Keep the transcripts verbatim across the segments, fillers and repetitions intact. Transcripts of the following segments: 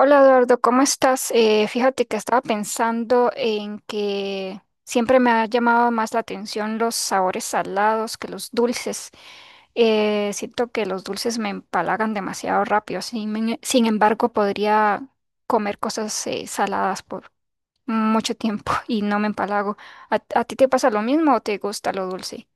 Hola Eduardo, ¿cómo estás? Eh, fíjate que estaba pensando en que siempre me ha llamado más la atención los sabores salados que los dulces. Eh, siento que los dulces me empalagan demasiado rápido. Sin, sin embargo, podría comer cosas eh, saladas por mucho tiempo y no me empalago. ¿A, a ti te pasa lo mismo o te gusta lo dulce?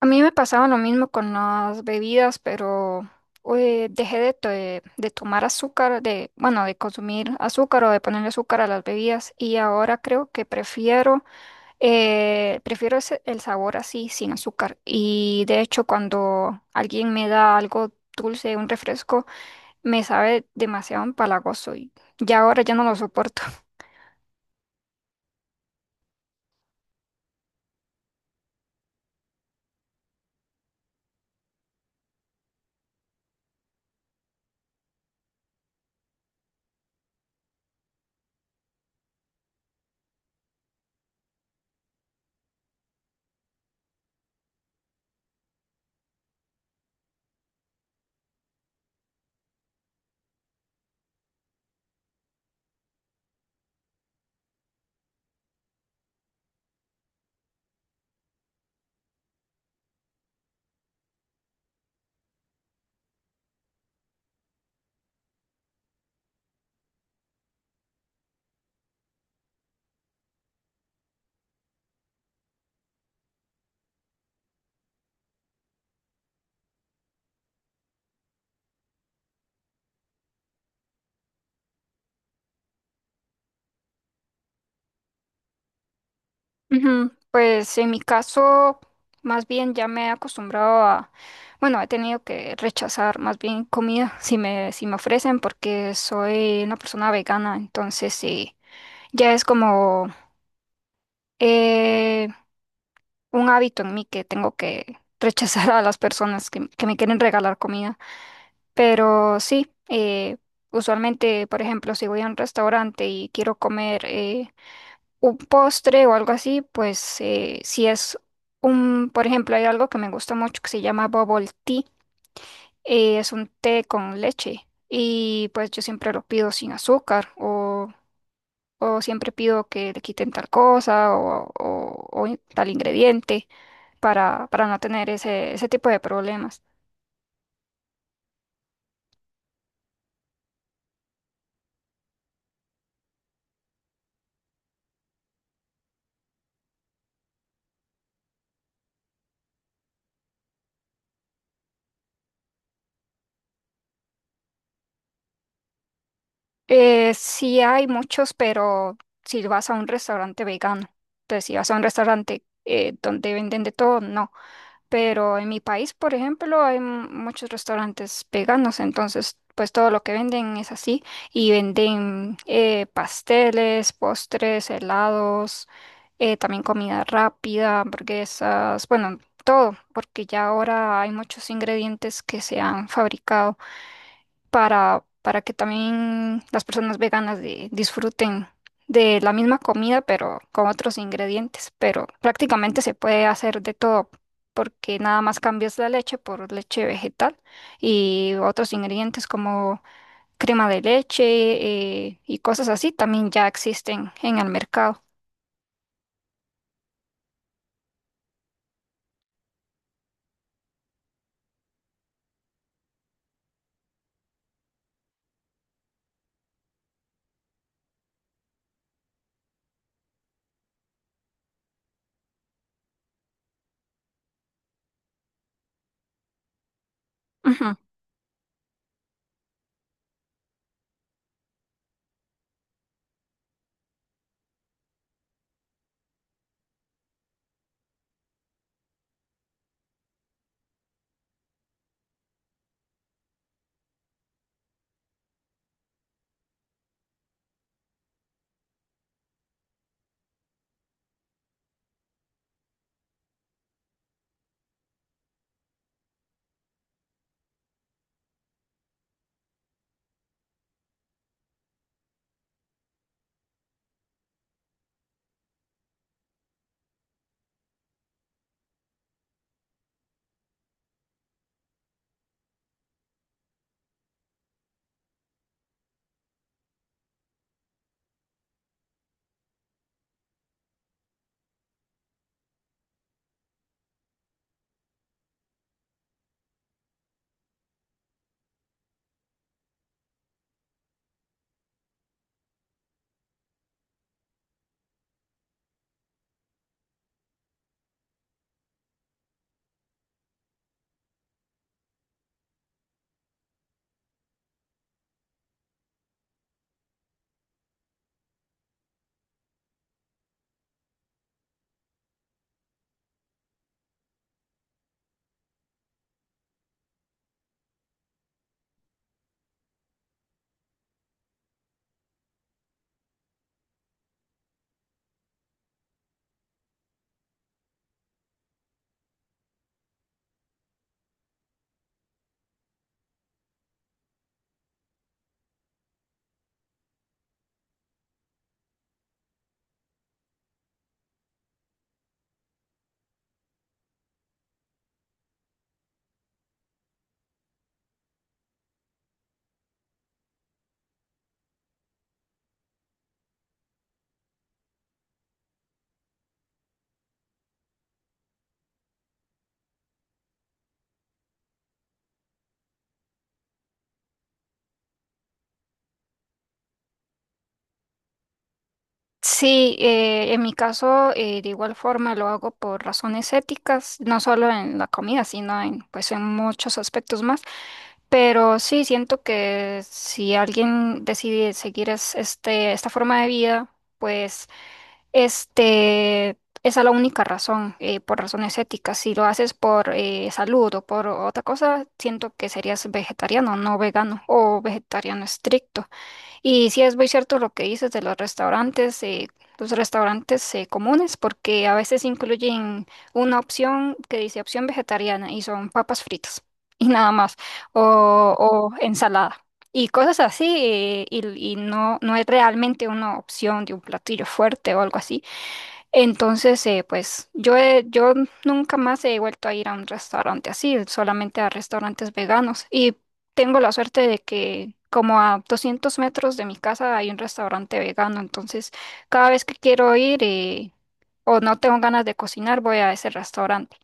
A mí me pasaba lo mismo con las bebidas, pero eh, dejé de, to- de tomar azúcar, de, bueno, de consumir azúcar o de ponerle azúcar a las bebidas y ahora creo que prefiero, eh, prefiero ese- el sabor así, sin azúcar. Y de hecho, cuando alguien me da algo dulce, un refresco, me sabe demasiado empalagoso y ya ahora ya no lo soporto. Ujú. Pues en mi caso, más bien ya me he acostumbrado a, bueno, he tenido que rechazar más bien comida si me, si me ofrecen porque soy una persona vegana, entonces sí, ya es como eh, un hábito en mí que tengo que rechazar a las personas que, que me quieren regalar comida. Pero sí, eh, usualmente, por ejemplo, si voy a un restaurante y quiero comer... eh, un postre o algo así, pues eh, si es un, por ejemplo, hay algo que me gusta mucho que se llama bubble tea, eh, es un té con leche y pues yo siempre lo pido sin azúcar o, o siempre pido que le quiten tal cosa o, o- o in- tal ingrediente para, para no tener ese, ese tipo de problemas. Eh, sí hay muchos, pero si vas a un restaurante vegano, entonces si vas a un restaurante eh, donde venden de todo, no. Pero en mi país, por ejemplo, hay mu- muchos restaurantes veganos, entonces pues todo lo que venden es así y venden eh, pasteles, postres, helados, eh, también comida rápida, hamburguesas, bueno, todo, porque ya ahora hay muchos ingredientes que se han fabricado para, para que también las personas veganas de- disfruten de la misma comida, pero con otros ingredientes. Pero prácticamente se puede hacer de todo, porque nada más cambias la leche por leche vegetal y otros ingredientes como crema de leche eh, y cosas así también ya existen en el mercado. Sí, eh, en mi caso, eh, de igual forma lo hago por razones éticas, no solo en la comida, sino en, pues, en muchos aspectos más. Pero sí, siento que si alguien decide seguir es- este, esta forma de vida, pues este, esa es la única razón, eh, por razones éticas. Si lo haces por eh, salud o por otra cosa, siento que serías vegetariano, no vegano o vegetariano estricto. Y sí es muy cierto lo que dices de los restaurantes, eh, los restaurantes eh, comunes, porque a veces incluyen una opción que dice opción vegetariana y son papas fritas y nada más, o, o ensalada y cosas así, eh, y, y no, no es realmente una opción de un platillo fuerte o algo así. Entonces, eh, pues yo, he- yo nunca más he vuelto a ir a un restaurante así, solamente a restaurantes veganos. Y tengo la suerte de que como a doscientos metros de mi casa hay un restaurante vegano, entonces cada vez que quiero ir eh, o no tengo ganas de cocinar, voy a ese restaurante.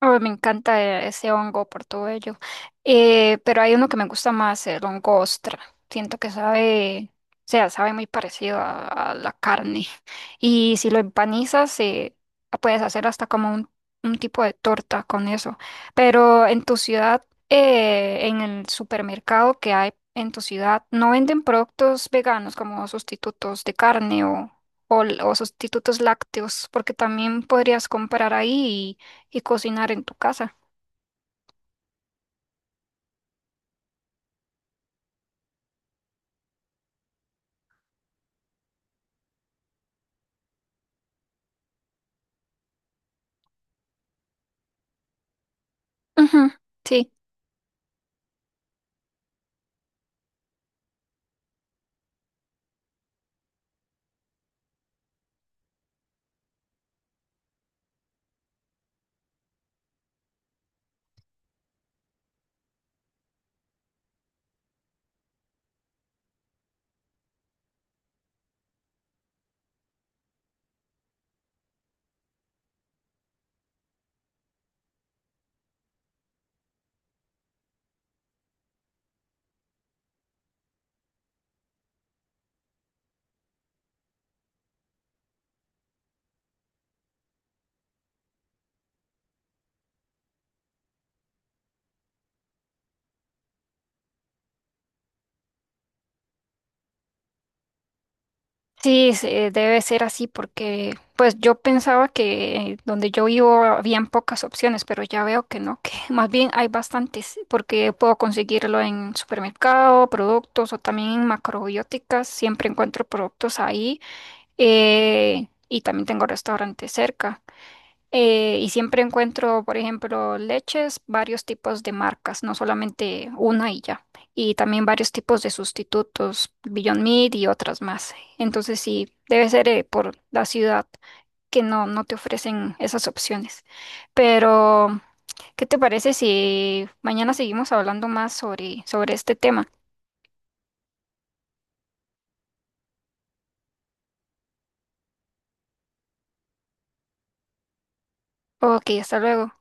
Oh, me encanta eh, ese hongo por todo ello. Eh, pero hay uno que me gusta más, el hongo ostra. Siento que sabe, o sea, sabe muy parecido a, a la carne. Y si lo empanizas, eh, puedes hacer hasta como un, un tipo de torta con eso. Pero en tu ciudad, eh, en el supermercado que hay en tu ciudad, ¿no venden productos veganos como sustitutos de carne o, o o sustitutos lácteos? Porque también podrías comprar ahí y cocinar en tu casa. Ujú. Sí, sí, se- debe ser así porque pues yo pensaba que donde yo vivo habían pocas opciones, pero ya veo que no, que más bien hay bastantes porque puedo conseguirlo en supermercado, productos o también en macrobióticas, siempre encuentro productos ahí eh, y también tengo restaurantes cerca. Eh, y siempre encuentro, por ejemplo, leches, varios tipos de marcas, no solamente una y ya. Y también varios tipos de sustitutos, Beyond Meat y otras más. Entonces sí, debe ser eh, por la ciudad que no, no te ofrecen esas opciones. Pero, ¿qué te parece si mañana seguimos hablando más sobre, sobre este tema? Ok, hasta luego.